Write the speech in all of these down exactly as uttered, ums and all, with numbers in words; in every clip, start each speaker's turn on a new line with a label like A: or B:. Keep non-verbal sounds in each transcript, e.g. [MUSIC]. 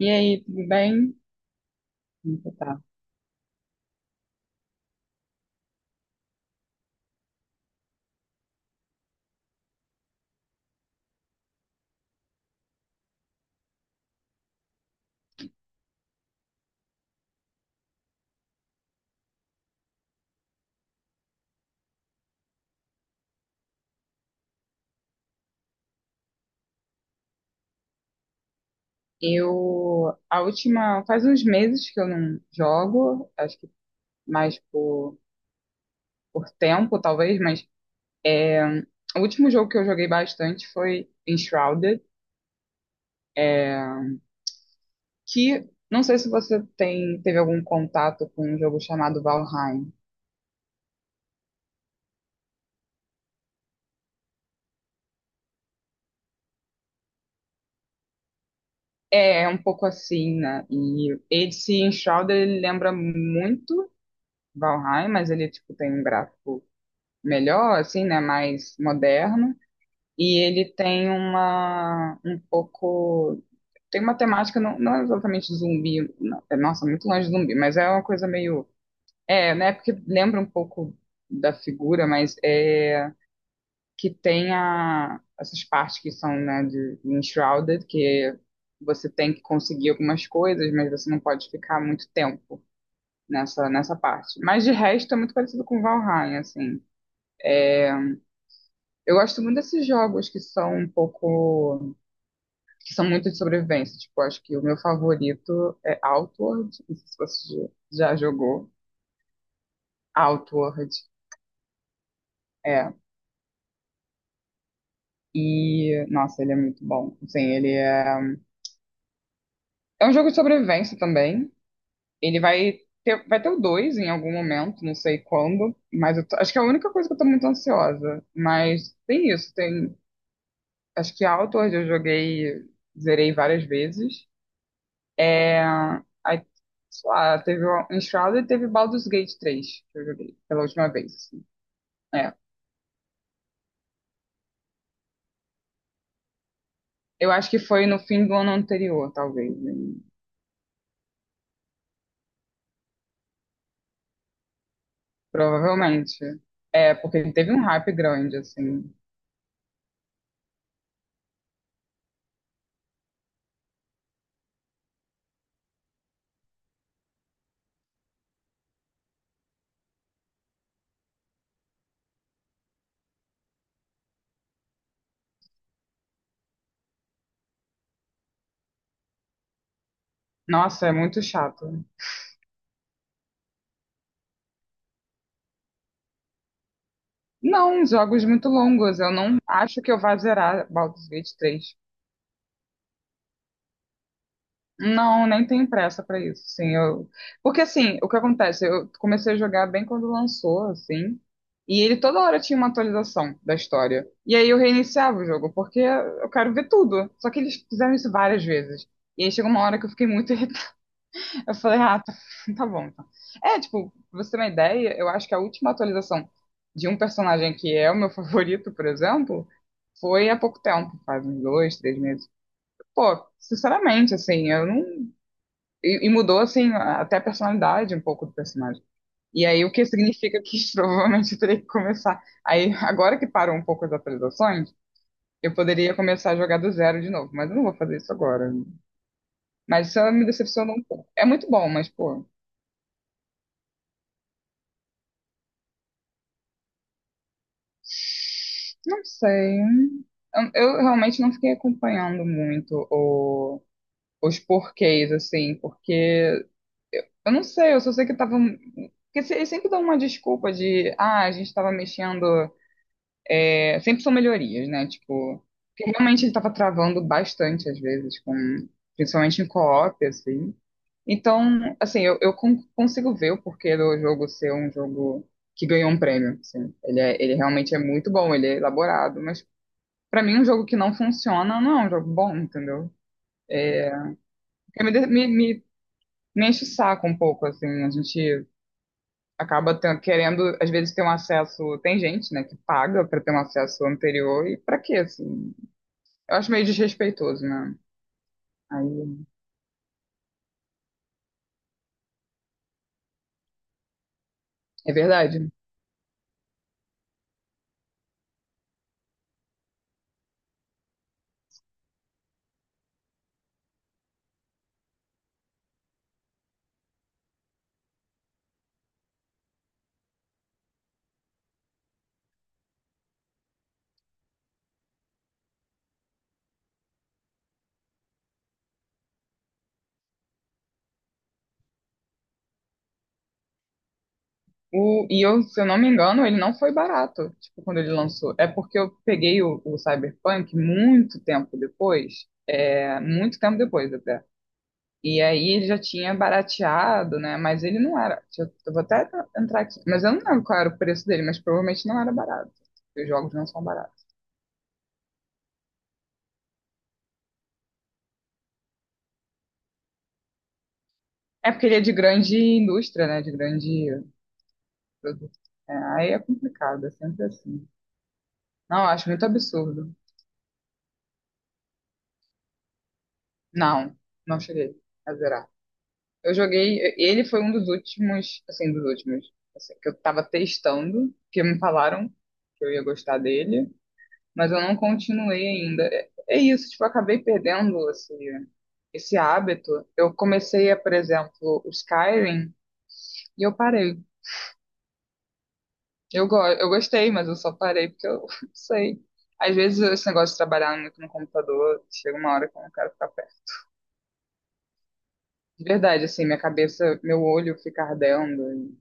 A: E aí, tudo bem? Como você tá? Eu, a última, faz uns meses que eu não jogo, acho que mais por, por tempo, talvez, mas é, o último jogo que eu joguei bastante foi Enshrouded, que não sei se você tem, teve algum contato com um jogo chamado Valheim. É, é um pouco assim, né? E esse Enshrouded, ele lembra muito Valheim, mas ele, tipo, tem um gráfico melhor, assim, né? Mais moderno. E ele tem uma um pouco tem uma temática não, não é exatamente zumbi, não, é, nossa, muito longe de zumbi, mas é uma coisa meio é, né? Porque lembra um pouco da figura, mas é que tem a, essas partes que são, né, de de enshrouded, que você tem que conseguir algumas coisas, mas você não pode ficar muito tempo nessa nessa parte. Mas de resto é muito parecido com Valheim, assim. Eu gosto muito desses jogos que são um pouco que são muito de sobrevivência. Tipo, acho que o meu favorito é Outward. Não sei se você já já jogou. Outward, é. E, nossa, ele é muito bom. Assim, ele é... É um jogo de sobrevivência também. Ele vai ter, vai ter o dois em algum momento, não sei quando. Mas eu tô- acho que é a única coisa que eu tô muito ansiosa. Mas tem isso, tem... Acho que Outward eu joguei, zerei várias vezes. É, aí, sei lá, teve o Enshrouded e teve Baldur's Gate três, que eu joguei pela última vez, assim. É, eu acho que foi no fim do ano anterior, talvez, hein? Provavelmente. É, porque teve um hype grande, assim. Nossa, é muito chato. Não, jogos muito longos. Eu não acho que eu vá zerar Baldur's Gate três. Não, nem tenho pressa pra isso, sim. Eu... Porque assim, o que acontece? Eu comecei a jogar bem quando lançou, assim, e ele toda hora tinha uma atualização da história. E aí eu reiniciava o jogo, porque eu quero ver tudo. Só que eles fizeram isso várias vezes. E aí chegou uma hora que eu fiquei muito [LAUGHS] irritada. Eu falei, ah, tá, [LAUGHS] tá bom, então. É, tipo, pra você ter uma ideia, eu acho que a última atualização de um personagem que é o meu [LAUGHS] favorito, por exemplo, foi há pouco tempo, faz uns dois, três meses. Pô, sinceramente, assim, eu não. E, e mudou, assim, a- até a personalidade um pouco do personagem. E aí, o que significa que [LAUGHS] provavelmente eu teria que começar. Aí, agora que parou um pouco as atualizações, eu poderia começar a jogar do zero de novo, mas eu não vou fazer isso agora. Mas isso me decepcionou um pouco. É muito bom, mas, pô, não sei. Eu, eu realmente não fiquei acompanhando muito o- os porquês, assim, porque eu não sei, eu só sei que tava, um. Porque se- eles sempre dão uma desculpa de, ah, a gente tava mexendo. É, sempre são melhorias, né? Tipo, porque realmente ele tava travando bastante às vezes, com, principalmente em co-op, assim. Então, assim, eu, eu con- consigo ver o porquê do jogo ser um jogo que ganhou um prêmio, assim. Ele, é- ele realmente é muito bom, ele é elaborado, mas pra mim um jogo que não funciona não é um jogo bom, entendeu? Porque me, de- me, me, me enche o saco um pouco, assim, a gente acaba ten- querendo, às vezes, ter um acesso, tem gente, né, que paga pra ter um acesso anterior, e pra quê, assim? Eu acho meio desrespeitoso, né? Aí, é verdade. O, e eu, se eu não me engano, ele não foi barato, tipo, quando ele lançou. É porque eu peguei o, o Cyberpunk muito tempo depois, é, muito tempo depois até. E aí ele já tinha barateado, né? Mas ele não era. Deixa, Eu, eu vou até entrar aqui. Mas eu não lembro qual era o preço dele, mas provavelmente não era barato. Porque os jogos não são baratos. É porque ele é de grande indústria, né? De grande produto. É, aí é complicado, é sempre assim. Não, eu acho muito absurdo. Não, não cheguei a zerar. Eu joguei. Ele foi um dos últimos, assim, dos últimos, assim, que eu tava testando, que me falaram que eu ia gostar dele, mas eu não continuei ainda. É, é isso, tipo, eu acabei perdendo esse, esse hábito. Eu comecei a, por exemplo, o Skyrim e eu parei. Eu, go eu gostei, mas eu só parei porque eu [LAUGHS] não sei. Às vezes esse negócio de trabalhar muito no computador, chega uma hora que eu não quero ficar perto. De verdade, assim, minha cabeça, meu olho fica ardendo.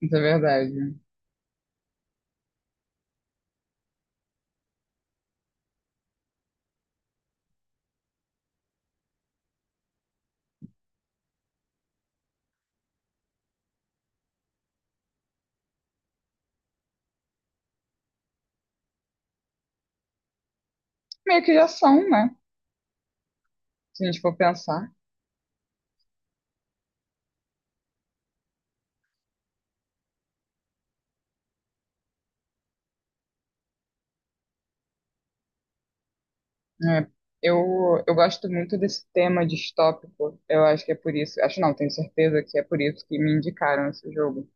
A: Isso é verdade. Meio que já são, né? Se a gente for pensar. É, eu, eu gosto muito desse tema distópico. Eu acho que é por isso. Acho não, tenho certeza que é por isso que me indicaram esse jogo.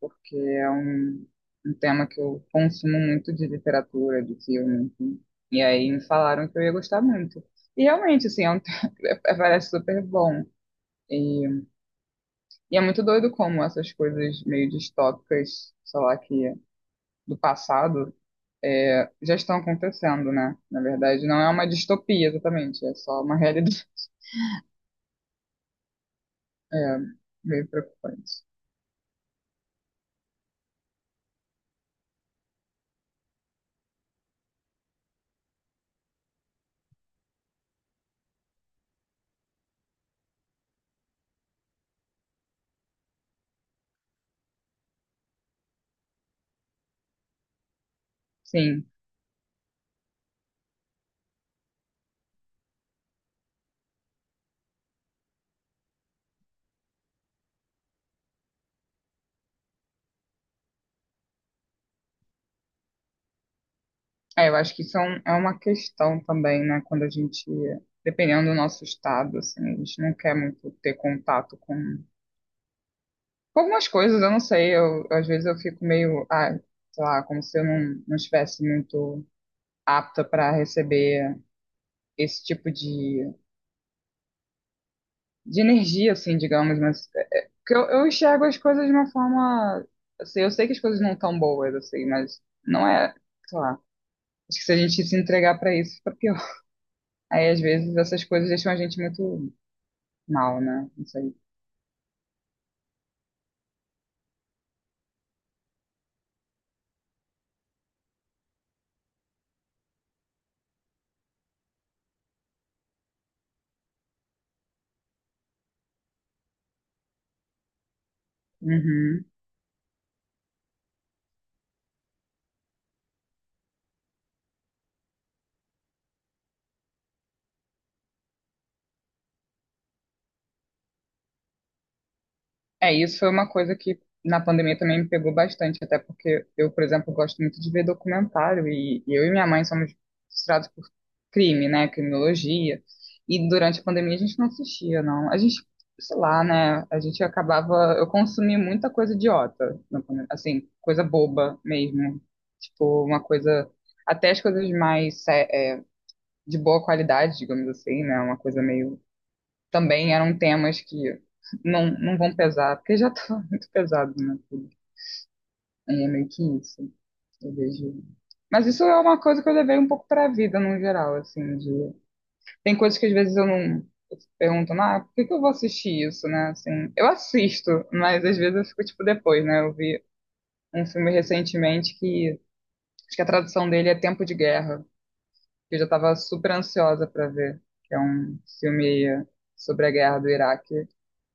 A: Porque é um, um tema que eu consumo muito de literatura, de filme, enfim. E aí me falaram que eu ia gostar muito. E realmente, assim, é um, [LAUGHS] parece super bom. E, e é muito doido como essas coisas meio distópicas, sei lá, que do passado é, já estão acontecendo, né? Na verdade, não é uma distopia exatamente, é só uma realidade [LAUGHS] é, meio preocupante. Sim, é, eu acho que isso é, um- é uma questão também, né? Quando a gente, dependendo do nosso estado, assim, a gente não quer muito ter contato com, com algumas coisas, eu não sei, eu, às vezes eu fico meio, ah, sei lá, como se eu não, não estivesse muito apta para receber esse tipo de de energia, assim, digamos, mas é, que eu, eu enxergo as coisas de uma forma, assim, eu sei que as coisas não estão boas, assim, mas não é, sei lá, acho que se a gente se entregar pra isso, fica pior. Aí, às vezes, essas coisas deixam a gente muito mal, né? Não sei. Uhum. É, isso foi uma coisa que na pandemia também me pegou bastante, até porque eu, por exemplo, gosto muito de ver documentário e, e eu e minha mãe somos frustrados por crime, né, criminologia. E durante a pandemia a gente não assistia, não. A gente, sei lá, né, a gente acabava, eu consumi muita coisa idiota, na pandemia, assim, coisa boba mesmo. Tipo, uma coisa, até as coisas mais sé- é, de boa qualidade, digamos assim, né, uma coisa meio também eram temas que não, não vão pesar, porque já tá [LAUGHS] muito pesado, né? Tudo. É meio que isso. Eu vejo. Mas isso é uma coisa que eu levei um pouco para a vida no geral, assim, de... Tem coisas que às vezes eu não eu fico perguntando, ah, por que que eu vou assistir isso, né? Assim, eu assisto, mas às vezes eu fico tipo depois, né? Eu vi um filme recentemente que acho que a tradução dele é Tempo de Guerra, que eu já tava super ansiosa para ver, que é um filme sobre a guerra do Iraque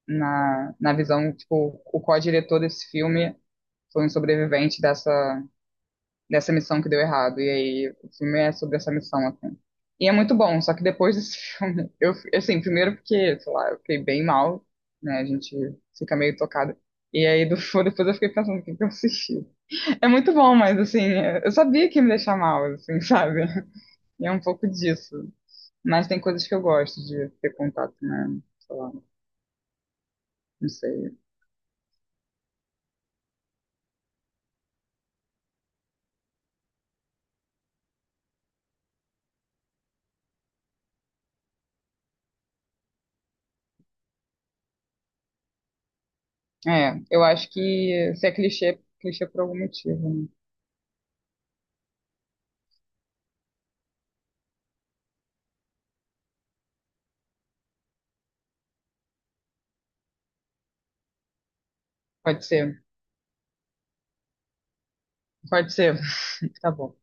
A: na, na visão, tipo, o co-diretor desse filme foi um sobrevivente dessa, dessa missão que deu errado. E aí o filme é sobre essa missão, assim. E é muito bom, só que depois desse [LAUGHS] filme, eu, assim, primeiro porque, sei lá, eu fiquei bem mal, né? A gente fica meio tocada. E aí do- [LAUGHS] depois eu fiquei pensando o que que eu assisti. É muito bom, mas assim, eu sabia que ia me deixar mal, assim, [LAUGHS] sabe? E é um pouco disso. Mas tem coisas que eu gosto de ter contato, né? Sei lá, não sei. É, eu acho que se é clichê, clichê por algum motivo, né? Pode ser, pode ser. [LAUGHS] Tá bom.